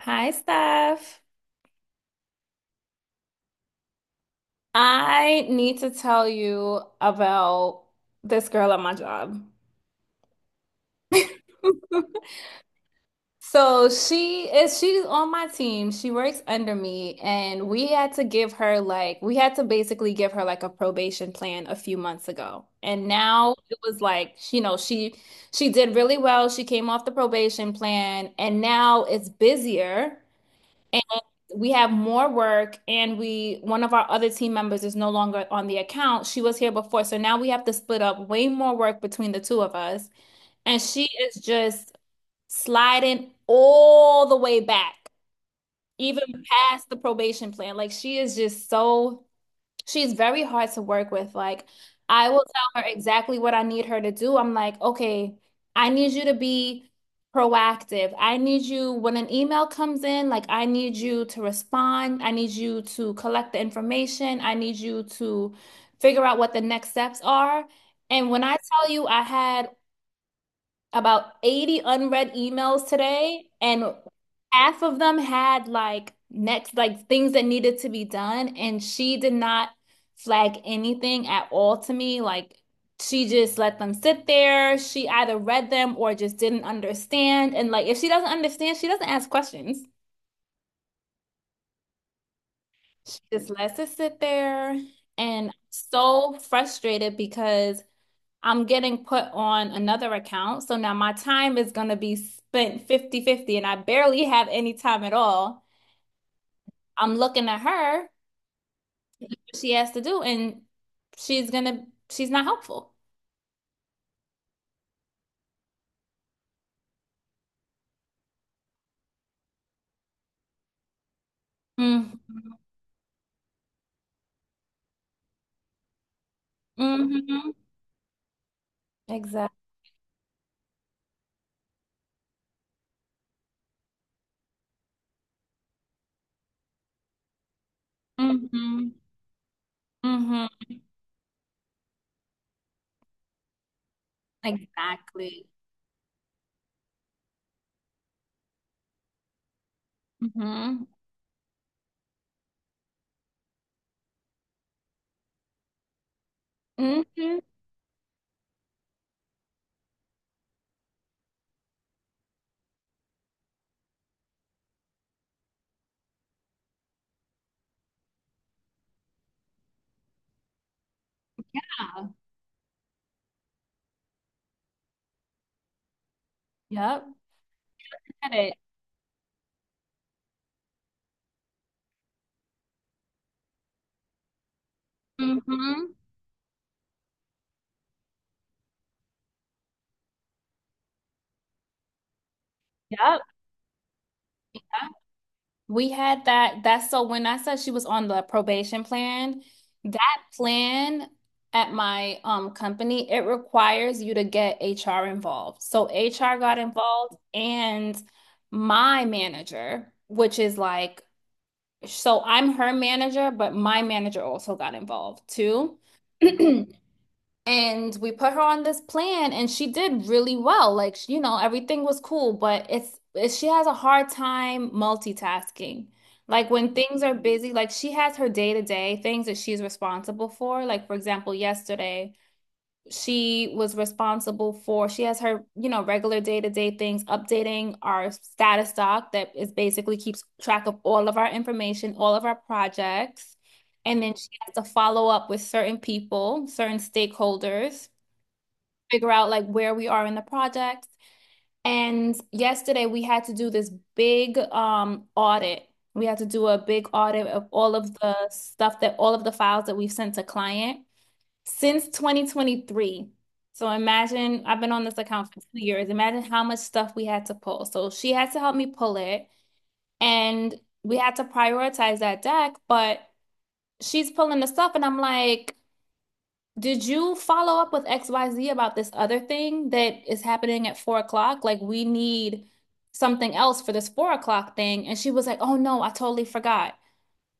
Hi, Steph. I need to tell you about this girl at my job. She's on my team. She works under me, and we had to give her like we had to basically give her like a probation plan a few months ago. And now it was like, you know, she did really well. She came off the probation plan, and now it's busier. We have more work, and we one of our other team members is no longer on the account. She was here before, so now we have to split up way more work between the two of us. And she is just sliding all the way back, even past the probation plan. Like she is just so She's very hard to work with. Like, I will tell her exactly what I need her to do. I'm like, okay, I need you to be proactive. I need you, when an email comes in, like, I need you to respond. I need you to collect the information. I need you to figure out what the next steps are. And when I tell you I had about 80 unread emails today, and half of them had like things that needed to be done. And she did not flag anything at all to me. Like she just let them sit there. She either read them or just didn't understand. And like if she doesn't understand, she doesn't ask questions. She just lets it sit there. And I'm so frustrated because I'm getting put on another account. So now my time is going to be spent 50-50, and I barely have any time at all. I'm looking at her, what she has to do, and she's going to, she's not helpful. Mm-hmm. Mm-hmm. Exactly. Mm-hmm. Mm-hmm. Exactly. Mm-hmm. Mm-hmm. Yeah. Yep. Get it. Mm-hmm. Yep. We had that. That's, so when I said she was on the probation plan, that plan at my company, it requires you to get HR involved. So HR got involved, and my manager, which is like, so I'm her manager, but my manager also got involved too. And we put her on this plan and she did really well. Like, you know, everything was cool, but it's she has a hard time multitasking. Like when things are busy, like she has her day-to-day things that she's responsible for. Like for example, yesterday she was responsible for, she has her, you know, regular day-to-day things, updating our status doc that is basically keeps track of all of our information, all of our projects, and then she has to follow up with certain people, certain stakeholders, figure out like where we are in the project. And yesterday we had to do this big audit. We had to do a big audit of all of the stuff, that all of the files that we've sent to client since 2023. So imagine I've been on this account for 2 years. Imagine how much stuff we had to pull. So she had to help me pull it, and we had to prioritize that deck, but she's pulling the stuff, and I'm like, did you follow up with XYZ about this other thing that is happening at 4 o'clock? Like, we need something else for this 4 o'clock thing. And she was like, oh no, I totally forgot.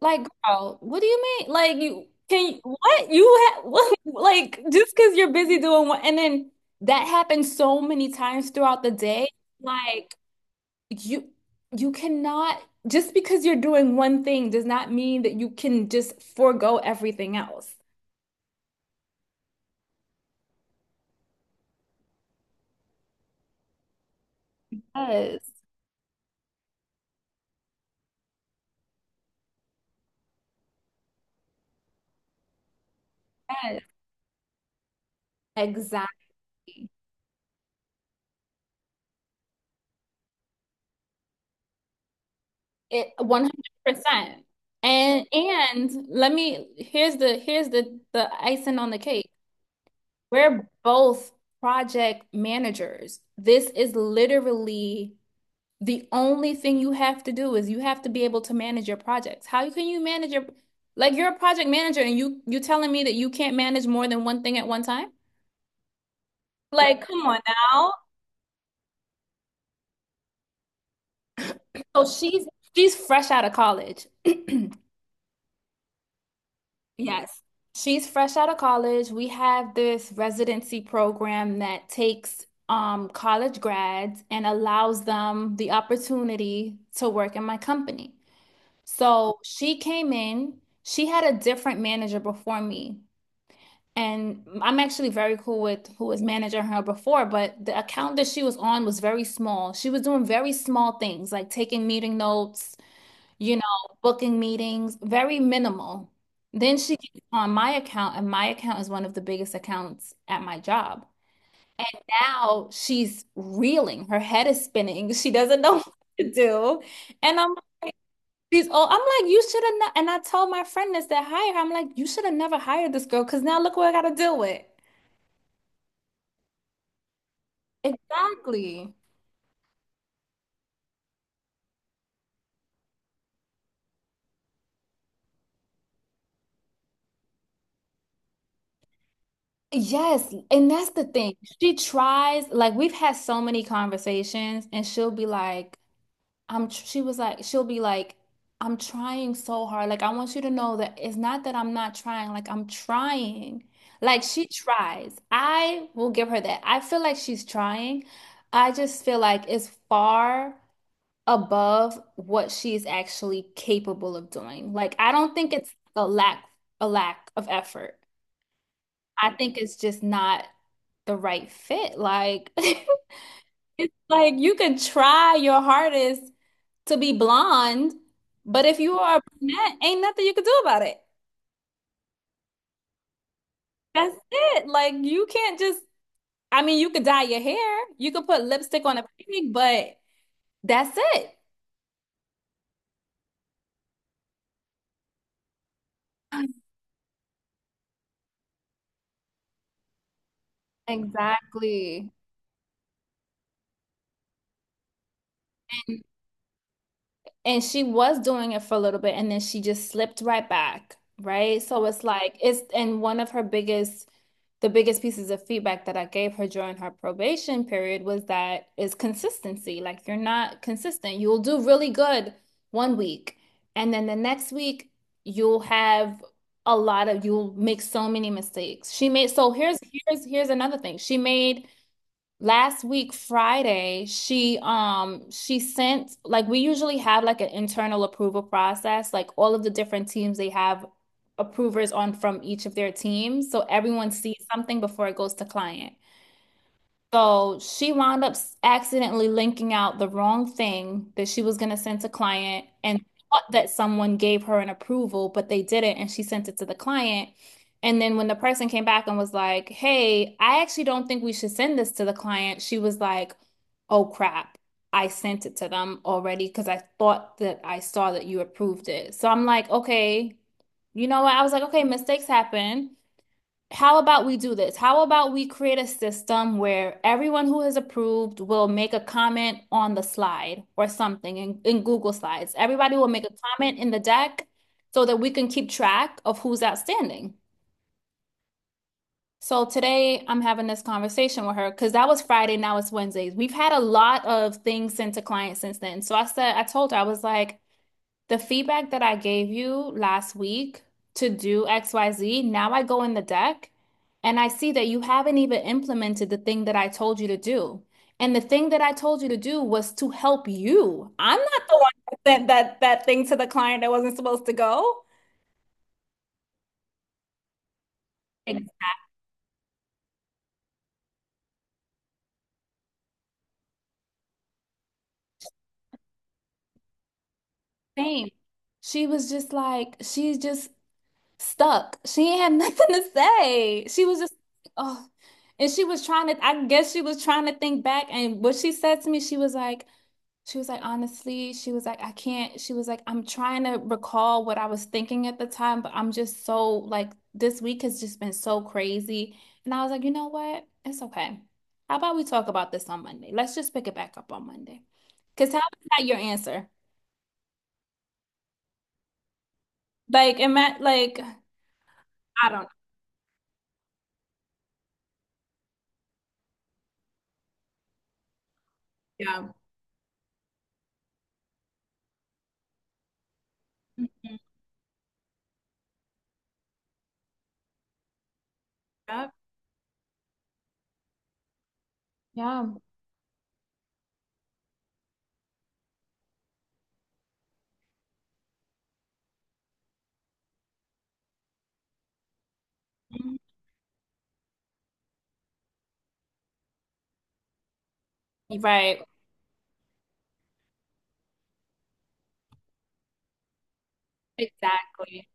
Like, girl, what do you mean? Like, you can you, what you have like just because you're busy doing what, and then that happens so many times throughout the day. Like, you you cannot, just because you're doing one thing, does not mean that you can just forego everything else. Yes. Yes, exactly. It 100%. And let me, here's the the icing on the cake. We're both project managers. This is literally the only thing you have to do, is you have to be able to manage your projects. How can you manage your Like you're a project manager and you telling me that you can't manage more than one thing at one time? Like, come on now. So she's she's fresh out of college. Yes. She's fresh out of college. We have this residency program that takes college grads and allows them the opportunity to work in my company. So she came in, she had a different manager before me. And I'm actually very cool with who was managing her before, but the account that she was on was very small. She was doing very small things like taking meeting notes, you know, booking meetings, very minimal. Then she gets on my account, and my account is one of the biggest accounts at my job. Now she's reeling, her head is spinning, she doesn't know what to do. And I'm like, she's all, I'm like, you should have, and I told my friend this, that hired her, I'm like, you should have never hired this girl because now look what I got to deal with. Exactly. Yes, and that's the thing. She tries, like, we've had so many conversations, and she'll be like, I'm tr- she was like she'll be like I'm trying so hard. Like I want you to know that it's not that I'm not trying. Like I'm trying. Like she tries. I will give her that. I feel like she's trying. I just feel like it's far above what she's actually capable of doing. Like I don't think it's a lack of effort. I think it's just not the right fit. Like it's like you can try your hardest to be blonde, but if you are a brunette, ain't nothing you can do about it. That's it. Like you can't just, I mean, you could dye your hair, you could put lipstick on a pig, but that's it. Exactly. And she was doing it for a little bit and then she just slipped right back, right? So it's like it's and one of her biggest the biggest pieces of feedback that I gave her during her probation period was that, is consistency. Like you're not consistent. You'll do really good one week and then the next week you'll have a lot of you'll make so many mistakes. She made so Here's another thing. She made last week Friday, she sent, like we usually have like an internal approval process, like all of the different teams, they have approvers on from each of their teams, so everyone sees something before it goes to client. So she wound up accidentally linking out the wrong thing that she was going to send to client and thought that someone gave her an approval, but they didn't, and she sent it to the client. And then when the person came back and was like, "Hey, I actually don't think we should send this to the client," she was like, "Oh crap, I sent it to them already because I thought that I saw that you approved it." So I'm like, "Okay, you know what?" I was like, "Okay, mistakes happen." How about we do this? How about we create a system where everyone who is approved will make a comment on the slide or something in Google Slides? Everybody will make a comment in the deck so that we can keep track of who's outstanding. So today I'm having this conversation with her because that was Friday, now it's Wednesdays. We've had a lot of things sent to clients since then. So I said, I told her, I was like, the feedback that I gave you last week to do XYZ, now I go in the deck and I see that you haven't even implemented the thing that I told you to do. And the thing that I told you to do was to help you. I'm not the one that sent that thing to the client that wasn't supposed to go. Like, Same. She was just like, she's just stuck. She ain't had nothing to say. She was just, oh. And she was trying to, I guess she was trying to think back. And what she said to me, she was like, honestly, she was like, I can't. She was like, I'm trying to recall what I was thinking at the time, but I'm just so like, this week has just been so crazy. And I was like, you know what? It's okay. How about we talk about this on Monday? Let's just pick it back up on Monday. Because how is that your answer? Like, it meant like, I don't know. Yeah. Mhm. Yep. Yeah. Mhm. Right. Exactly.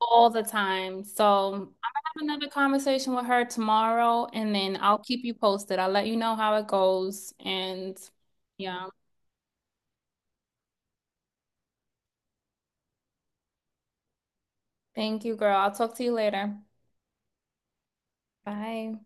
All the time. So I'm gonna have another conversation with her tomorrow and then I'll keep you posted. I'll let you know how it goes. And yeah, thank you, girl. I'll talk to you later. Bye.